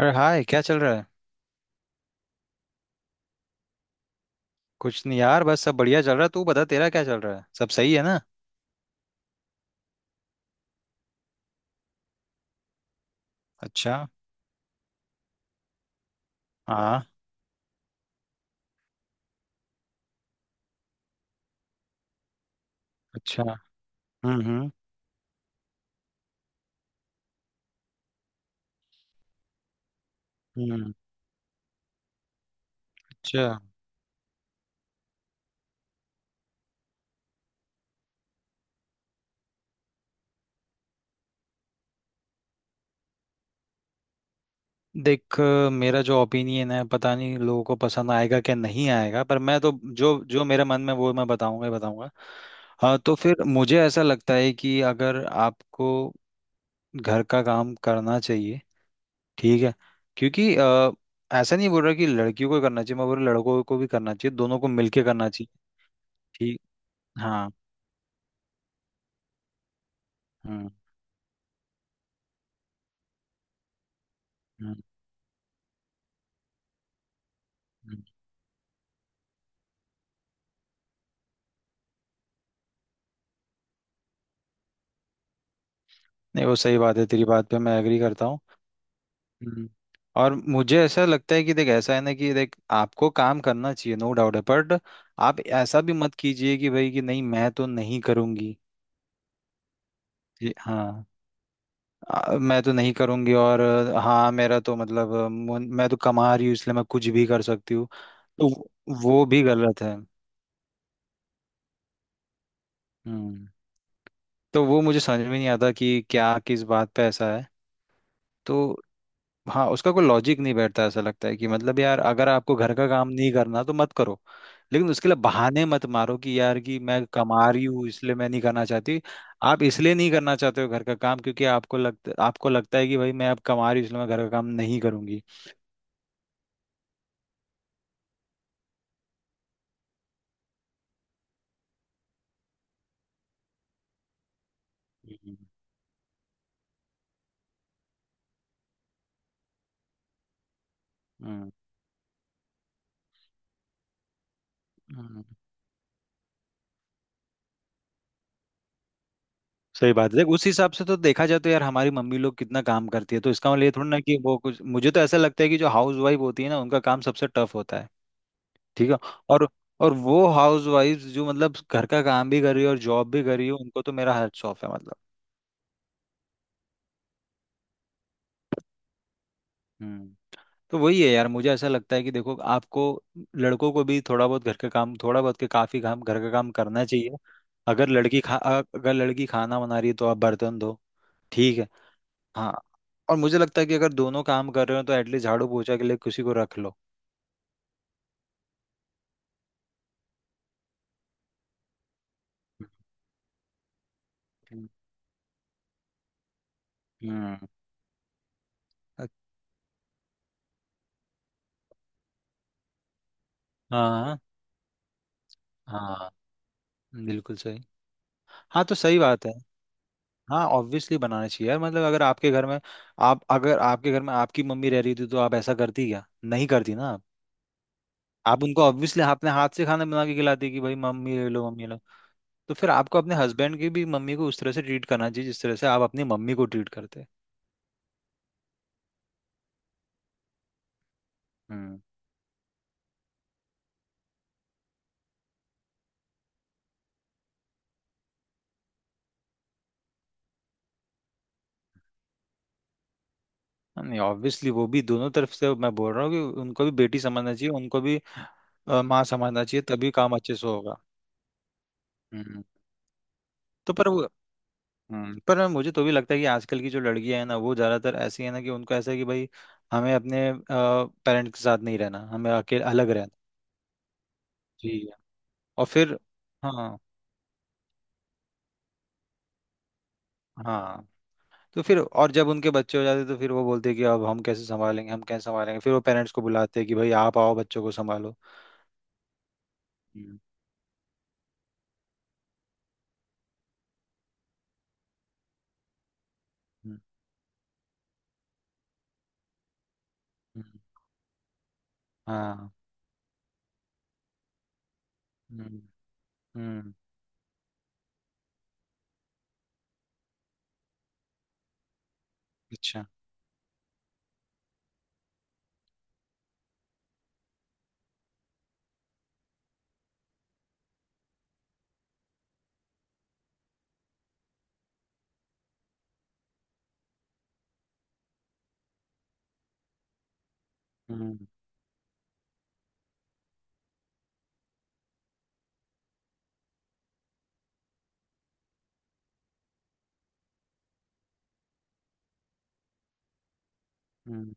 अरे हाय, क्या चल रहा है। कुछ नहीं यार, बस सब बढ़िया चल रहा है। तू बता, तेरा क्या चल रहा है? सब सही है ना? अच्छा। हाँ। अच्छा। हम्म। हम्म। हम्म। अच्छा। देख मेरा जो ओपिनियन है, पता नहीं लोगों को पसंद आएगा क्या नहीं आएगा, पर मैं तो जो जो मेरे मन में वो मैं बताऊंगा ही बताऊंगा। हाँ तो फिर मुझे ऐसा लगता है कि अगर आपको घर का काम करना चाहिए। ठीक है। क्योंकि ऐसा नहीं बोल रहा कि लड़कियों को करना चाहिए, मैं बोल रहा लड़कों को भी करना चाहिए, दोनों को मिलके करना चाहिए। ठीक। हाँ। हम्म। हम्म। हम्म। नहीं, वो सही बात है, तेरी बात पे मैं एग्री करता हूँ। हम्म। और मुझे ऐसा लगता है कि देख, ऐसा है ना कि देख आपको काम करना चाहिए, नो डाउट है, बट आप ऐसा भी मत कीजिए कि भाई कि नहीं मैं तो नहीं करूँगी। हाँ। मैं तो नहीं करूँगी और हाँ मेरा तो मतलब मैं तो कमा रही हूँ इसलिए मैं कुछ भी कर सकती हूँ। तो वो भी गलत है। हम्म। तो वो मुझे समझ में नहीं आता कि क्या किस बात पे ऐसा है। तो हाँ, उसका कोई लॉजिक नहीं बैठता, ऐसा लगता है कि मतलब यार, अगर आपको घर का काम नहीं करना तो मत करो। लेकिन उसके लिए बहाने मत मारो कि यार कि मैं कमा रही हूँ इसलिए मैं नहीं करना चाहती। आप इसलिए नहीं करना चाहते हो घर का काम क्योंकि आपको लगता है कि भाई मैं अब कमा रही हूँ इसलिए मैं घर का काम नहीं करूंगी। हम्म। हम्म। हम्म। सही बात है, देख उस हिसाब से तो देखा जाए तो यार हमारी मम्मी लोग कितना काम करती है, तो इसका मतलब ये थोड़ा ना कि वो कुछ, मुझे तो ऐसा लगता है कि जो हाउस वाइफ होती है ना उनका काम सबसे टफ होता है। ठीक है। और और वो हाउस वाइफ जो मतलब घर का काम भी कर रही है और जॉब भी कर रही है, उनको तो मेरा हैट्स ऑफ है, मतलब। हम्म। तो वही है यार, मुझे ऐसा लगता है कि देखो आपको, लड़कों को भी थोड़ा बहुत घर का काम, थोड़ा बहुत के काफी काम घर का काम करना चाहिए। अगर लड़की खाना बना रही है तो आप बर्तन धो। ठीक है। हाँ। और मुझे लगता है कि अगर दोनों काम कर रहे हो तो एटलीस्ट झाड़ू पोछा के लिए किसी को रख लो। हम्म। हम्म, हाँ। हाँ, बिल्कुल सही। हाँ तो सही बात है। हाँ, ऑब्वियसली बनाना चाहिए यार, मतलब अगर आपके घर में आप अगर आपके घर में आपकी मम्मी रह रही थी तो आप ऐसा करती क्या? नहीं करती ना आप। आप उनको ऑब्वियसली अपने हाथ से खाना बना के खिलाती कि भाई मम्मी ले लो, मम्मी ले लो। तो फिर आपको अपने हस्बैंड की भी मम्मी को उस तरह से ट्रीट करना चाहिए जिस तरह से आप अपनी मम्मी को ट्रीट करते हैं। हम्म। हाँ, नहीं ऑब्वियसली, वो भी दोनों तरफ से मैं बोल रहा हूँ कि उनको भी बेटी समझना चाहिए, उनको भी माँ समझना चाहिए तभी काम अच्छे से होगा। हम्म। तो पर वो, हम्म, पर मुझे तो भी लगता है कि आजकल की जो लड़कियां हैं ना, वो ज़्यादातर ऐसी है ना कि उनको ऐसा है कि भाई हमें अपने पेरेंट्स के साथ नहीं रहना, हमें अकेले अलग रहना। जी। और फिर, हाँ। हाँ तो फिर और जब उनके बच्चे हो जाते तो फिर वो बोलते कि अब हम कैसे संभालेंगे, हम कैसे संभालेंगे, फिर वो पेरेंट्स को बुलाते कि भाई आप आओ बच्चों को संभालो। हम्म। हम्म, हम्म, हाँ। हम्म। हम्म। अच्छा। हम्म। हम्म।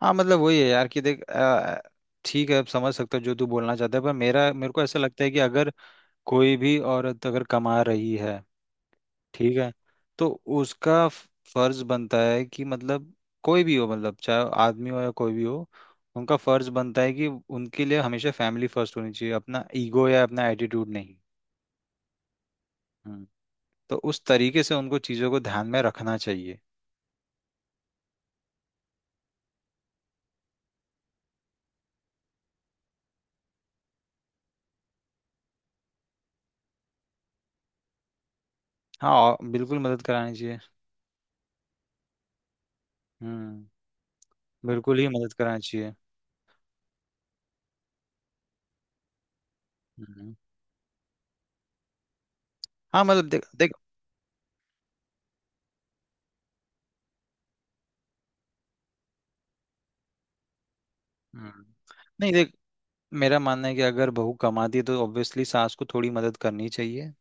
हाँ मतलब वही है यार, कि देख ठीक है, अब समझ सकता हूँ जो तू बोलना चाहता है, पर मेरा मेरे को ऐसा लगता है कि अगर कोई भी औरत अगर कमा रही है, ठीक है, तो उसका फर्ज बनता है कि मतलब, कोई भी हो, मतलब चाहे आदमी हो या कोई भी हो, उनका फर्ज बनता है कि उनके लिए हमेशा फैमिली फर्स्ट होनी चाहिए, अपना ईगो या अपना एटीट्यूड नहीं। हम्म। तो उस तरीके से उनको चीज़ों को ध्यान में रखना चाहिए। हाँ, और बिल्कुल मदद करानी चाहिए। हम्म। बिल्कुल ही मदद करानी चाहिए। हम्म। हाँ मतलब, देख देख। हम्म, नहीं देख, मेरा मानना है कि अगर बहू कमाती है तो ऑब्वियसली सास को थोड़ी मदद करनी चाहिए।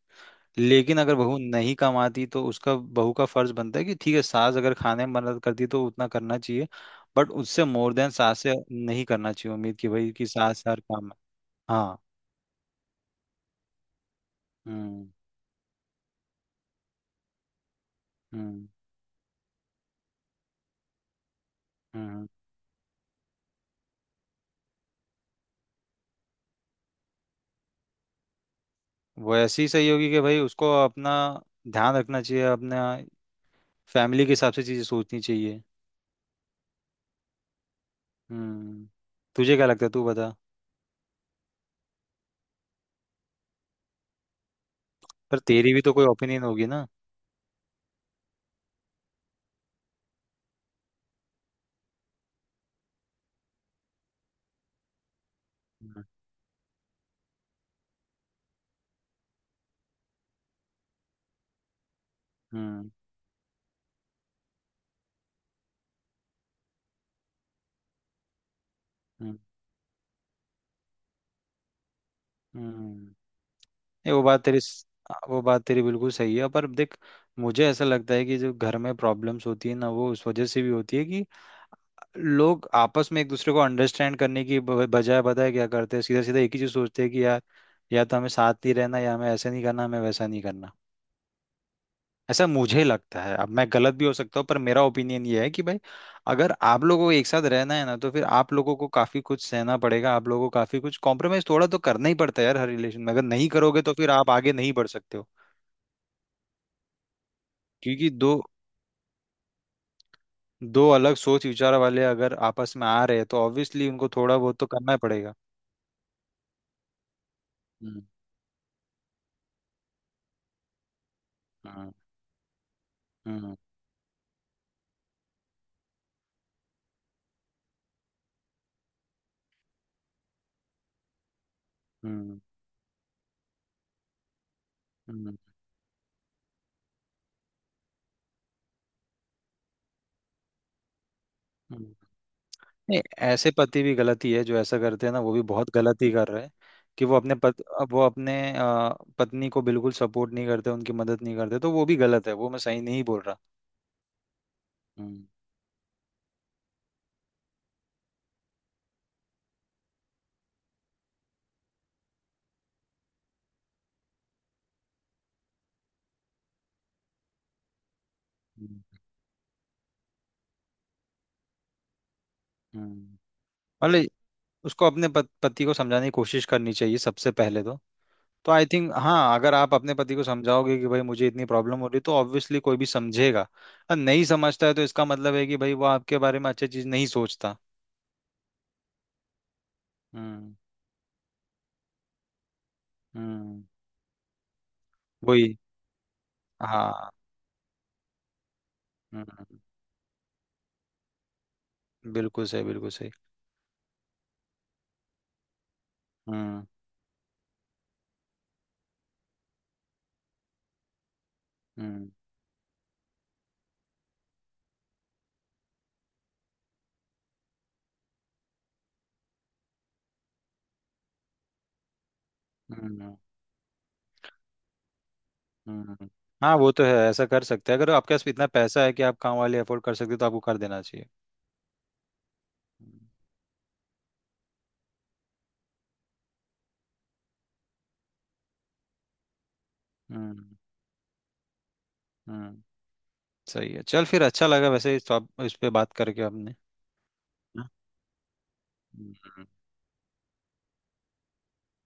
लेकिन अगर बहू नहीं कमाती तो उसका, बहू का फर्ज बनता है कि ठीक है सास अगर खाने में मदद करती तो उतना करना चाहिए, बट उससे मोर देन सास से नहीं करना चाहिए उम्मीद कि भाई कि सास हर काम में। हाँ। हम्म। हम्म। हम्म। वो ऐसी ही सही होगी कि भाई उसको अपना ध्यान रखना चाहिए, अपना फैमिली के हिसाब से चीजें सोचनी चाहिए। हम्म। तुझे क्या लगता है, तू बता। पर तेरी भी तो कोई ओपिनियन होगी ना। हम्म। हम्म। हम्म। हम्म। ये वो बात तेरी स- हाँ, वो बात तेरी बिल्कुल सही है, पर देख मुझे ऐसा लगता है कि जो घर में प्रॉब्लम्स होती है ना, वो उस वजह से भी होती है कि लोग आपस में एक दूसरे को अंडरस्टैंड करने की बजाय पता है क्या करते हैं, सीधा सीधा एक ही चीज सोचते हैं कि यार या तो हमें साथ ही रहना या हमें ऐसे नहीं करना, हमें वैसा नहीं करना। ऐसा मुझे लगता है, अब मैं गलत भी हो सकता हूँ, पर मेरा ओपिनियन ये है कि भाई अगर आप लोगों को एक साथ रहना है ना तो फिर आप लोगों को काफी कुछ सहना पड़ेगा, आप लोगों को काफी कुछ कॉम्प्रोमाइज थोड़ा तो करना ही पड़ता है यार हर रिलेशन में, अगर नहीं करोगे तो फिर आप आगे नहीं बढ़ सकते हो। क्योंकि दो दो अलग सोच विचार वाले अगर आपस में आ रहे हैं तो ऑब्वियसली उनको थोड़ा बहुत तो करना ही पड़ेगा। हम्म। हम्म। हम्म। हम्म। हम्म, हम्म। नहीं, ऐसे पति भी गलती है जो ऐसा करते हैं ना, वो भी बहुत गलती कर रहे हैं कि वो वो अपने पत्नी को बिल्कुल सपोर्ट नहीं करते, उनकी मदद नहीं करते, तो वो भी गलत है, वो मैं सही नहीं बोल रहा। हम्म। हम्म। हम्म। मतलब उसको अपने पति को समझाने की कोशिश करनी चाहिए सबसे पहले तो। तो आई थिंक, हाँ, अगर आप अपने पति को समझाओगे कि भाई मुझे इतनी प्रॉब्लम हो रही है तो ऑब्वियसली कोई भी समझेगा, और नहीं समझता है तो इसका मतलब है कि भाई वो आपके बारे में अच्छी चीज नहीं सोचता। हम्म। हम्म। वही। हाँ। हम्म। बिल्कुल सही, बिल्कुल सही। हम्म। हम्म। हम्म। हम्म। हाँ वो तो है, ऐसा कर सकते हैं, अगर आपके पास इतना पैसा है कि आप काम वाले अफोर्ड कर सकते हो तो आपको कर देना चाहिए। हम्म। हम्म। हम्म, सही है, चल फिर अच्छा लगा वैसे इस पे बात करके आपने। हम्म।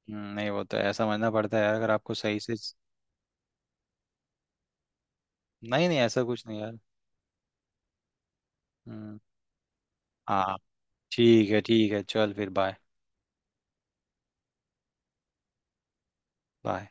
नहीं वो तो है, समझना पड़ता है यार अगर आपको सही से। नहीं नहीं, ऐसा कुछ नहीं यार। हम्म। हाँ। ठीक है, ठीक है, चल फिर बाय। बाय।